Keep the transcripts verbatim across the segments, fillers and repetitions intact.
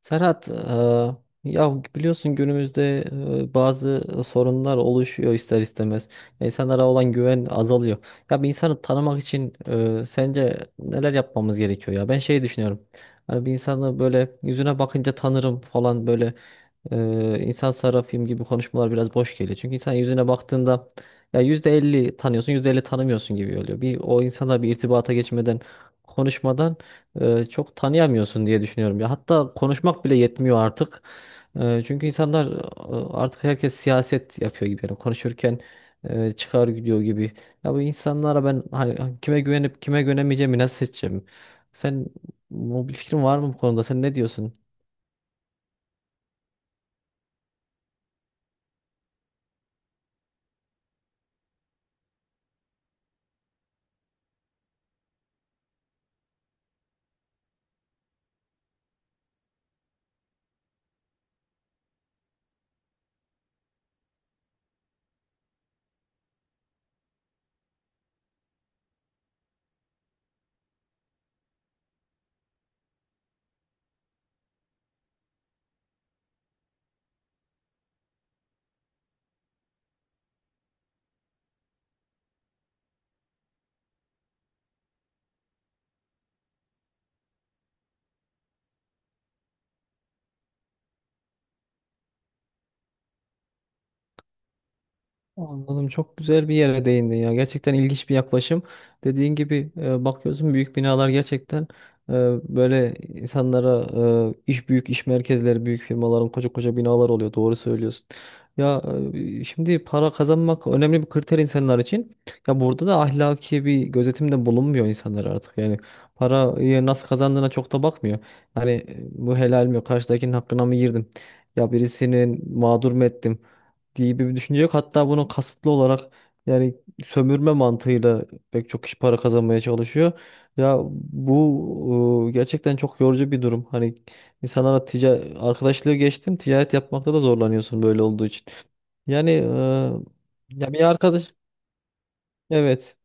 Serhat, eee, ya biliyorsun günümüzde eee, bazı sorunlar oluşuyor ister istemez. İnsanlara olan güven azalıyor. Ya, bir insanı tanımak için eee, sence neler yapmamız gerekiyor ya? Ben şey düşünüyorum. Hani bir insanı böyle yüzüne bakınca tanırım falan, böyle ee, insan sarrafıyım gibi konuşmalar biraz boş geliyor. Çünkü insan yüzüne baktığında ya yüzde elli tanıyorsun, yüzde elli tanımıyorsun gibi oluyor. Bir o insana bir irtibata geçmeden, konuşmadan e, çok tanıyamıyorsun diye düşünüyorum. Ya hatta konuşmak bile yetmiyor artık. E, çünkü insanlar e, artık herkes siyaset yapıyor gibi. Yani konuşurken e, çıkar gidiyor gibi. Ya, bu insanlara ben, hani, kime güvenip kime güvenemeyeceğimi nasıl seçeceğim? Sen, bu bir fikrin var mı bu konuda? Sen ne diyorsun? Anladım. Çok güzel bir yere değindin ya. Gerçekten ilginç bir yaklaşım. Dediğin gibi e, bakıyorsun, büyük binalar gerçekten e, böyle insanlara, e, iş büyük iş merkezleri, büyük firmaların koca koca binalar oluyor. Doğru söylüyorsun. Ya, e, şimdi para kazanmak önemli bir kriter insanlar için. Ya, burada da ahlaki bir gözetimde bulunmuyor insanlar artık. Yani parayı nasıl kazandığına çok da bakmıyor. Hani e, bu helal mi? Karşıdakinin hakkına mı girdim? Ya birisinin mağdur mu ettim diye bir düşünce yok. Hatta bunu kasıtlı olarak, yani sömürme mantığıyla pek çok kişi para kazanmaya çalışıyor. Ya bu e, gerçekten çok yorucu bir durum. Hani insanlara tica arkadaşlığı geçtim, ticaret yapmakta da zorlanıyorsun böyle olduğu için. Yani e, ya bir arkadaş, evet,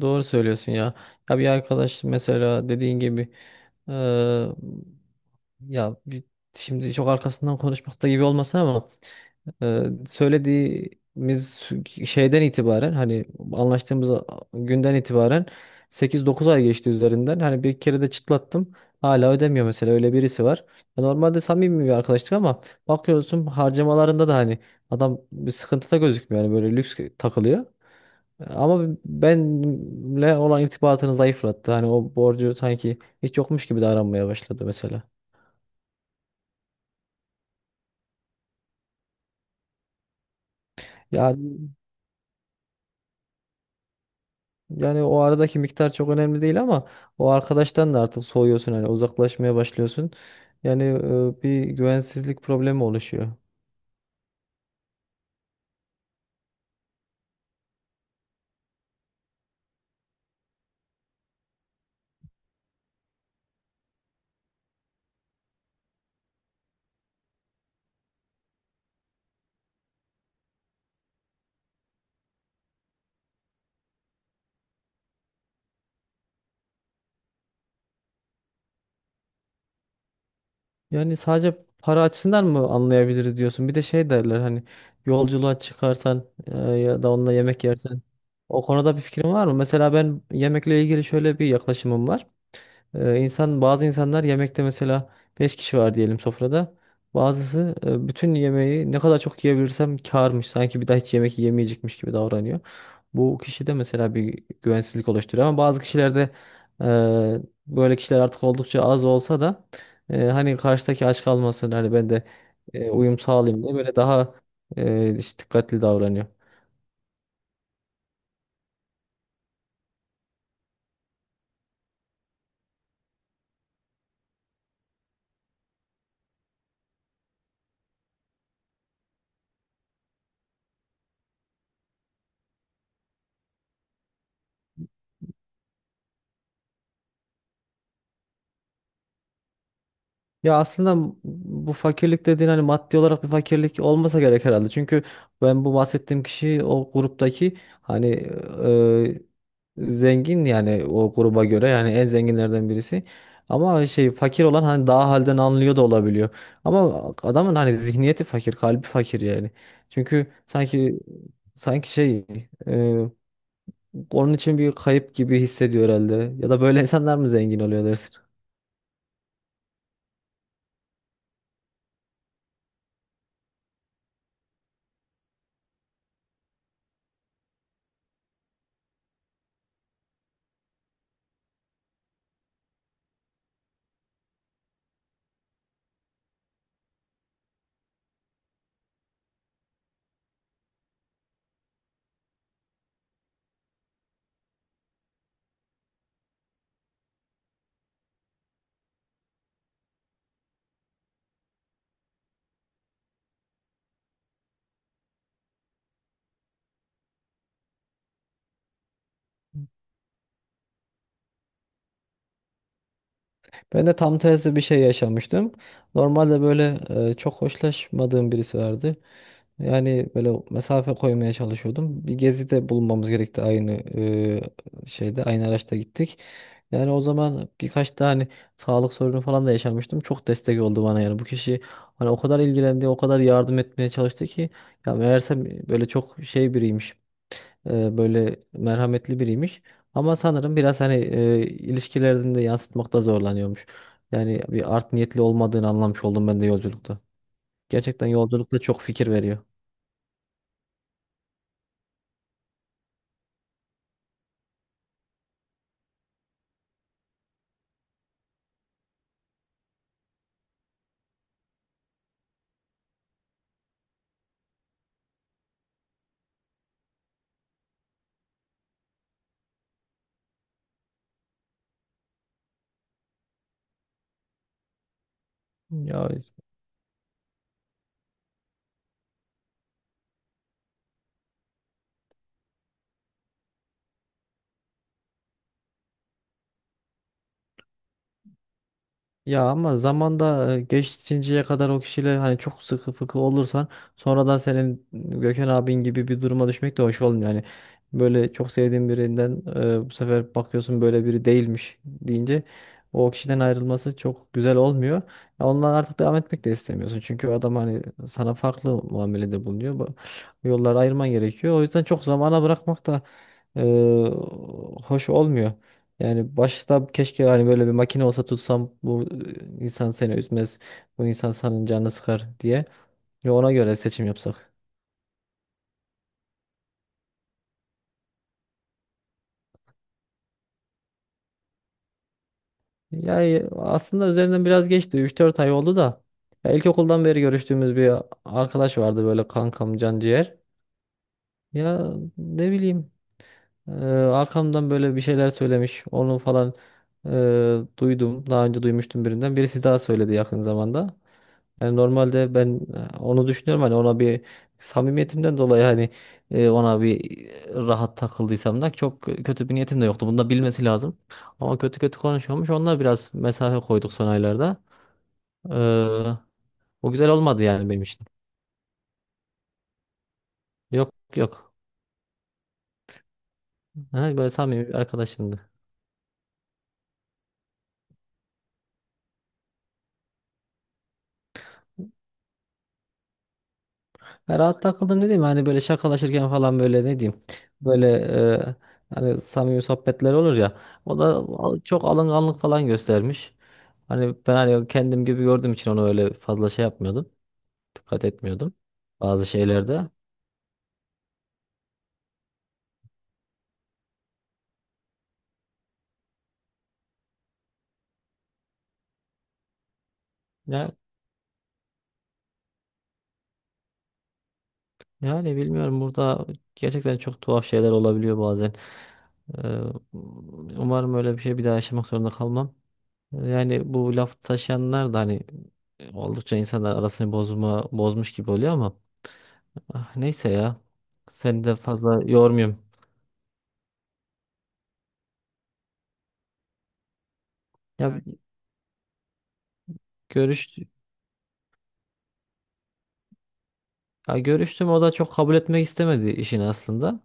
doğru söylüyorsun ya. Ya bir arkadaş mesela, dediğin gibi e, ya bir, şimdi çok arkasından konuşmakta gibi olmasın ama Ee, söylediğimiz şeyden itibaren, hani anlaştığımız günden itibaren sekiz dokuz ay geçti üzerinden. Hani bir kere de çıtlattım. Hala ödemiyor, mesela öyle birisi var. Ya, normalde samimi bir arkadaşlık ama bakıyorsun, harcamalarında da hani adam bir sıkıntıda gözükmüyor. Yani böyle lüks takılıyor. Ama benimle olan irtibatını zayıflattı. Hani o borcu sanki hiç yokmuş gibi davranmaya başladı mesela. Ya, yani o aradaki miktar çok önemli değil ama o arkadaştan da artık soğuyorsun, hani uzaklaşmaya başlıyorsun. Yani e, bir güvensizlik problemi oluşuyor. Yani sadece para açısından mı anlayabiliriz diyorsun. Bir de şey derler hani, yolculuğa çıkarsan e, ya da onunla yemek yersen. O konuda bir fikrin var mı? Mesela ben yemekle ilgili şöyle bir yaklaşımım var. Ee, insan bazı insanlar yemekte, mesela beş kişi var diyelim sofrada. Bazısı, e, bütün yemeği ne kadar çok yiyebilirsem kârmış. Sanki bir daha hiç yemek yemeyecekmiş gibi davranıyor. Bu kişide mesela bir güvensizlik oluşturuyor ama bazı kişilerde, e, böyle kişiler artık oldukça az olsa da, e, hani karşıdaki aç kalmasın, hani ben de e, uyum sağlayayım diye, böyle daha e, işte dikkatli davranıyor. Ya aslında bu fakirlik dediğin hani maddi olarak bir fakirlik olmasa gerek herhalde. Çünkü ben, bu bahsettiğim kişi o gruptaki, hani, e, zengin, yani o gruba göre, yani en zenginlerden birisi. Ama şey, fakir olan hani daha halden anlıyor da olabiliyor. Ama adamın hani zihniyeti fakir, kalbi fakir yani. Çünkü sanki sanki şey, e, onun için bir kayıp gibi hissediyor herhalde. Ya da böyle insanlar mı zengin oluyor dersin? Ben de tam tersi bir şey yaşamıştım. Normalde böyle e, çok hoşlaşmadığım birisi vardı. Yani böyle mesafe koymaya çalışıyordum. Bir gezide bulunmamız gerekti, aynı e, şeyde, aynı araçta gittik. Yani o zaman birkaç tane hani sağlık sorunu falan da yaşamıştım. Çok destek oldu bana yani. Bu kişi hani o kadar ilgilendi, o kadar yardım etmeye çalıştı ki ya, meğersem böyle çok şey biriymiş, e, böyle merhametli biriymiş. Ama sanırım biraz, hani, e, ilişkilerini de yansıtmakta zorlanıyormuş. Yani bir art niyetli olmadığını anlamış oldum ben de yolculukta. Gerçekten yolculukta çok fikir veriyor. Ya Ya ama zamanda, e, geçinceye kadar o kişiyle hani çok sıkı fıkı olursan, sonradan senin Gökhan abin gibi bir duruma düşmek de hoş olmuyor. Yani böyle çok sevdiğin birinden e, bu sefer bakıyorsun böyle biri değilmiş deyince, o kişiden ayrılması çok güzel olmuyor. Ya, ondan artık devam etmek de istemiyorsun. Çünkü adam hani sana farklı muamelede bulunuyor. Bu bu yolları ayırman gerekiyor. O yüzden çok zamana bırakmak da e, hoş olmuyor. Yani başta keşke hani böyle bir makine olsa tutsam, bu e, insan seni üzmez, bu insan senin canını sıkar diye. Ve ona göre seçim yapsak. Yani aslında üzerinden biraz geçti. Üç dört ay oldu da. Ya, ilkokuldan beri görüştüğümüz bir arkadaş vardı, böyle kankam, can. Ya ne bileyim, e, arkamdan böyle bir şeyler söylemiş. Onu falan e, duydum. Daha önce duymuştum birinden. Birisi daha söyledi yakın zamanda. Yani normalde ben, e, onu düşünüyorum, hani ona bir samimiyetimden dolayı, hani e, ona bir e, rahat takıldıysam da çok kö- kötü bir niyetim de yoktu. Bunu da bilmesi lazım. Ama kötü kötü konuşuyormuş. Onunla biraz mesafe koyduk son aylarda. Ee, O güzel olmadı yani benim için. Yok, yok. Ha, böyle samimi bir arkadaşımdı. Ha, rahat takıldım dediğim, hani böyle şakalaşırken falan, böyle ne diyeyim. Böyle e, hani samimi sohbetler olur ya. O da al- çok alınganlık falan göstermiş. Hani ben, hani kendim gibi gördüğüm için onu öyle fazla şey yapmıyordum. Dikkat etmiyordum bazı şeylerde. Ya, yani bilmiyorum, burada gerçekten çok tuhaf şeyler olabiliyor bazen. Ee, Umarım öyle bir şey bir daha yaşamak zorunda kalmam. Yani bu laf taşıyanlar da hani oldukça insanlar arasını bozma, bozmuş gibi oluyor ama, ah, neyse ya. Seni de fazla yormuyorum. Ya, evet. görüş Ya, görüştüm, o da çok kabul etmek istemedi işini aslında.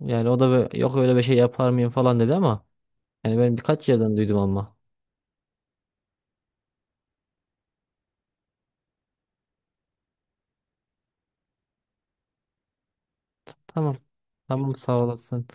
Yani o da bö- yok, öyle bir şey yapar mıyım falan dedi ama, yani ben birkaç yerden duydum ama. Tamam. Tamam, sağ olasın.